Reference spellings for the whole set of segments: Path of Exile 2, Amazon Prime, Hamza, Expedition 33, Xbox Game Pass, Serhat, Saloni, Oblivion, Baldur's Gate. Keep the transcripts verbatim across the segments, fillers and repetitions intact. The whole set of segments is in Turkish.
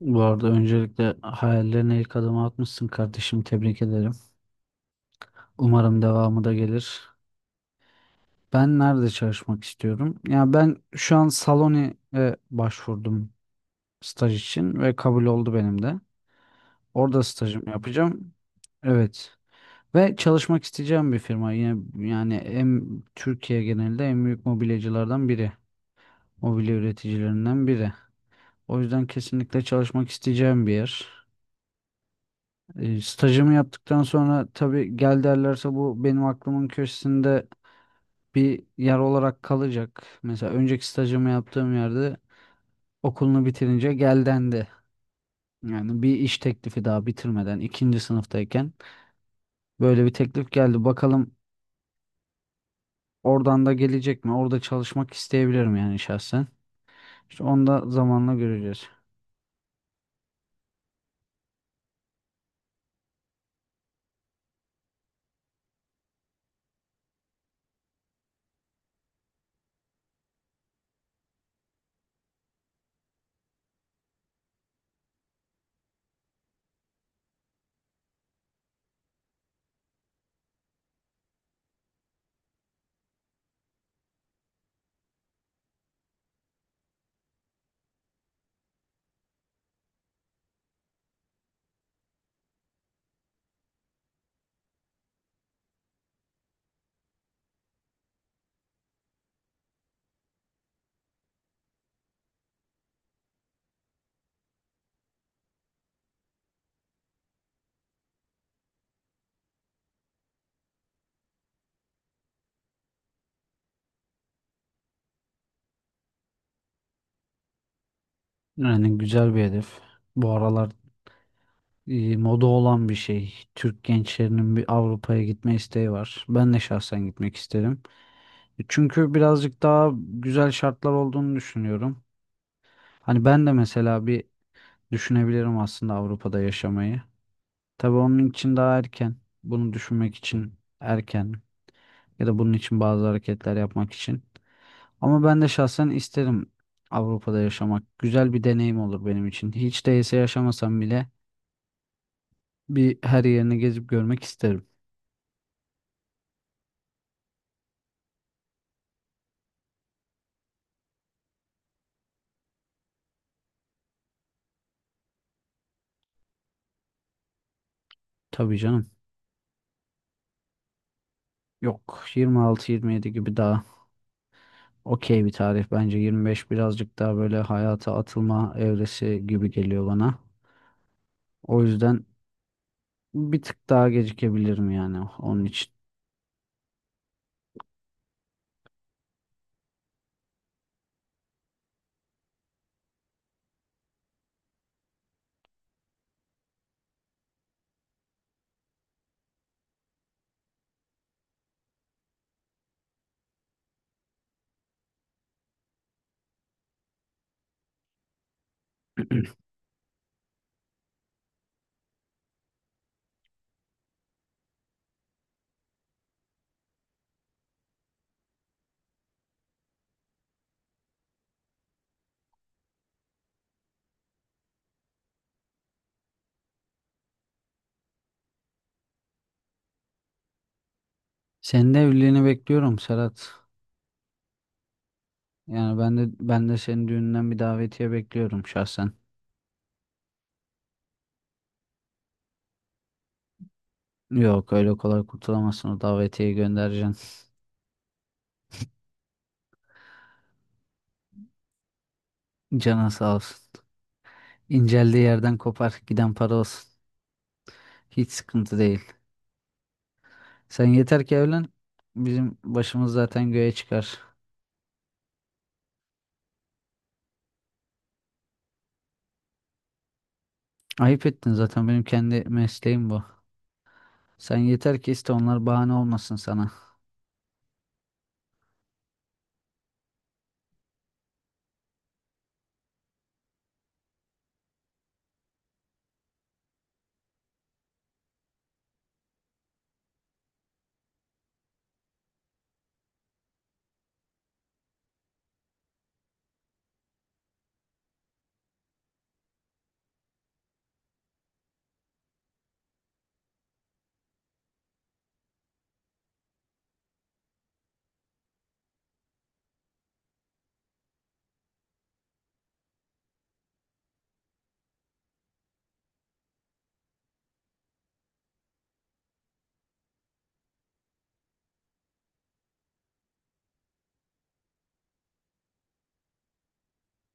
Bu arada öncelikle hayallerine ilk adımı atmışsın kardeşim. Tebrik ederim. Umarım devamı da gelir. Ben nerede çalışmak istiyorum? Ya ben şu an Saloni'ye başvurdum staj için ve kabul oldu benim de. Orada stajımı yapacağım. Evet. Ve çalışmak isteyeceğim bir firma. Yine yani en Türkiye genelinde en büyük mobilyacılardan biri. Mobilya üreticilerinden biri. O yüzden kesinlikle çalışmak isteyeceğim bir yer. E, Stajımı yaptıktan sonra tabii gel derlerse bu benim aklımın köşesinde bir yer olarak kalacak. Mesela önceki stajımı yaptığım yerde okulunu bitirince gel dendi. Yani bir iş teklifi daha bitirmeden ikinci sınıftayken böyle bir teklif geldi. Bakalım oradan da gelecek mi? Orada çalışmak isteyebilirim yani şahsen. İşte onu da zamanla göreceğiz. Yani güzel bir hedef. Bu aralar e, moda olan bir şey. Türk gençlerinin bir Avrupa'ya gitme isteği var. Ben de şahsen gitmek isterim. Çünkü birazcık daha güzel şartlar olduğunu düşünüyorum. Hani ben de mesela bir düşünebilirim aslında Avrupa'da yaşamayı. Tabii onun için daha erken. Bunu düşünmek için erken ya da bunun için bazı hareketler yapmak için. Ama ben de şahsen isterim Avrupa'da yaşamak. Güzel bir deneyim olur benim için. Hiç değilse yaşamasam bile bir her yerini gezip görmek isterim. Tabii canım. Yok yirmi altı yirmi yedi gibi daha. Okey bir tarih bence yirmi beş birazcık daha böyle hayata atılma evresi gibi geliyor bana. O yüzden bir tık daha gecikebilirim yani onun için. Senin de evliliğini bekliyorum Serhat. Yani ben de ben de senin düğününden bir davetiye bekliyorum şahsen. Yok öyle kolay kurtulamazsın o davetiyeyi göndereceksin. Canın sağ olsun. İnceldiği yerden kopar giden para olsun. Hiç sıkıntı değil. Sen yeter ki evlen. Bizim başımız zaten göğe çıkar. Ayıp ettin zaten benim kendi mesleğim bu. Sen yeter ki iste, onlar bahane olmasın sana.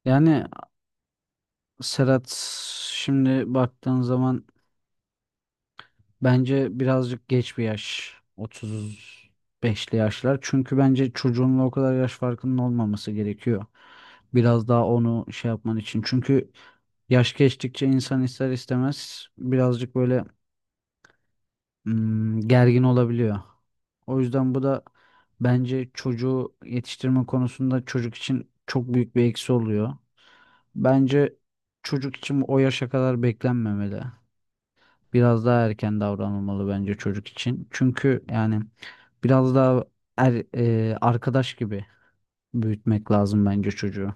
Yani Serhat, şimdi baktığın zaman bence birazcık geç bir yaş. otuz beşli yaşlar. Çünkü bence çocuğunla o kadar yaş farkının olmaması gerekiyor. Biraz daha onu şey yapman için. Çünkü yaş geçtikçe insan ister istemez birazcık böyle hmm, gergin olabiliyor. O yüzden bu da bence çocuğu yetiştirme konusunda çocuk için çok büyük bir eksi oluyor. Bence çocuk için o yaşa kadar beklenmemeli. Biraz daha erken davranılmalı bence çocuk için. Çünkü yani biraz daha er, e, arkadaş gibi büyütmek lazım bence çocuğu.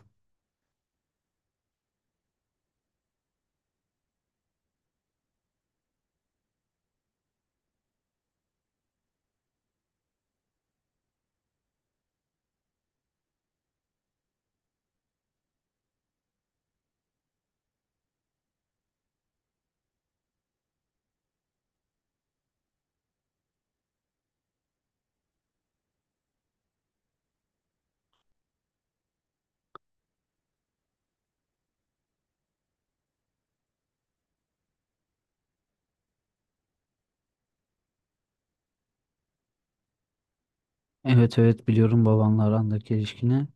Evet evet biliyorum babanla arandaki ilişkini.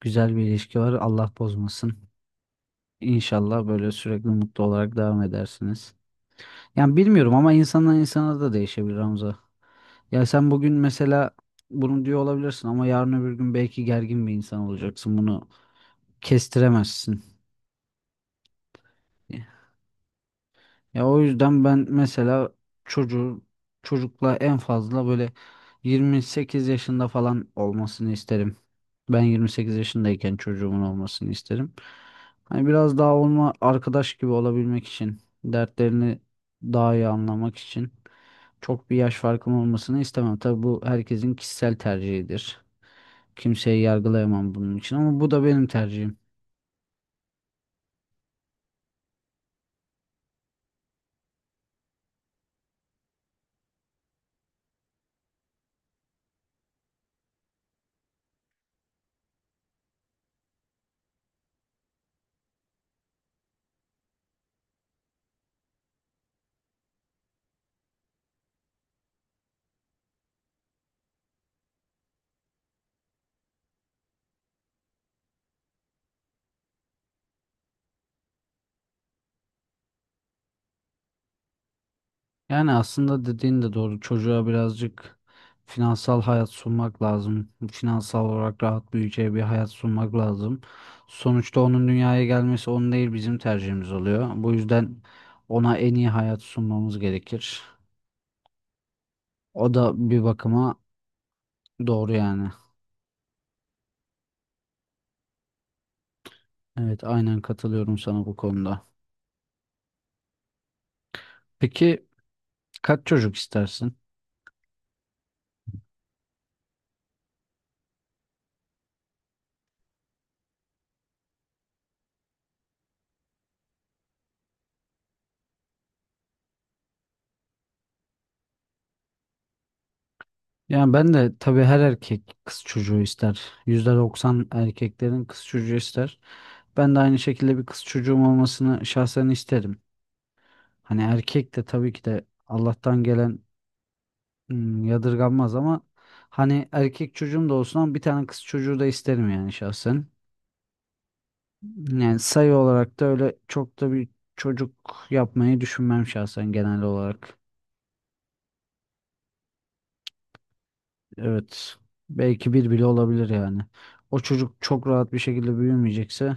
Güzel bir ilişki var. Allah bozmasın. İnşallah böyle sürekli mutlu olarak devam edersiniz. Yani bilmiyorum ama insandan insana da değişebilir Hamza. Ya sen bugün mesela bunu diyor olabilirsin ama yarın öbür gün belki gergin bir insan olacaksın. Bunu kestiremezsin. Ya o yüzden ben mesela çocuğu çocukla en fazla böyle yirmi sekiz yaşında falan olmasını isterim. Ben yirmi sekiz yaşındayken çocuğumun olmasını isterim. Hani biraz daha onunla arkadaş gibi olabilmek için, dertlerini daha iyi anlamak için çok bir yaş farkım olmasını istemem. Tabii bu herkesin kişisel tercihidir. Kimseyi yargılayamam bunun için ama bu da benim tercihim. Yani aslında dediğin de doğru. Çocuğa birazcık finansal hayat sunmak lazım. Finansal olarak rahat büyüyeceği bir hayat sunmak lazım. Sonuçta onun dünyaya gelmesi onun değil bizim tercihimiz oluyor. Bu yüzden ona en iyi hayat sunmamız gerekir. O da bir bakıma doğru yani. Evet, aynen katılıyorum sana bu konuda. Peki, kaç çocuk istersin? Yani ben de tabii her erkek kız çocuğu ister. yüzde doksan erkeklerin kız çocuğu ister. Ben de aynı şekilde bir kız çocuğum olmasını şahsen isterim. Hani erkek de tabii ki de Allah'tan gelen hmm, yadırganmaz ama hani erkek çocuğum da olsun ama bir tane kız çocuğu da isterim yani şahsen. Yani sayı olarak da öyle çok da bir çocuk yapmayı düşünmem şahsen genel olarak. Evet. Belki bir bile olabilir yani. O çocuk çok rahat bir şekilde büyümeyecekse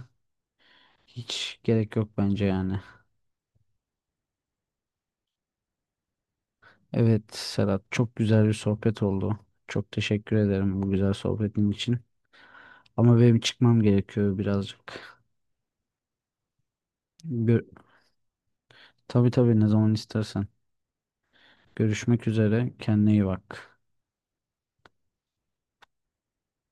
hiç gerek yok bence yani. Evet Serhat, çok güzel bir sohbet oldu. Çok teşekkür ederim bu güzel sohbetin için. Ama benim çıkmam gerekiyor birazcık. Gör- tabii tabii ne zaman istersen. Görüşmek üzere. Kendine iyi bak.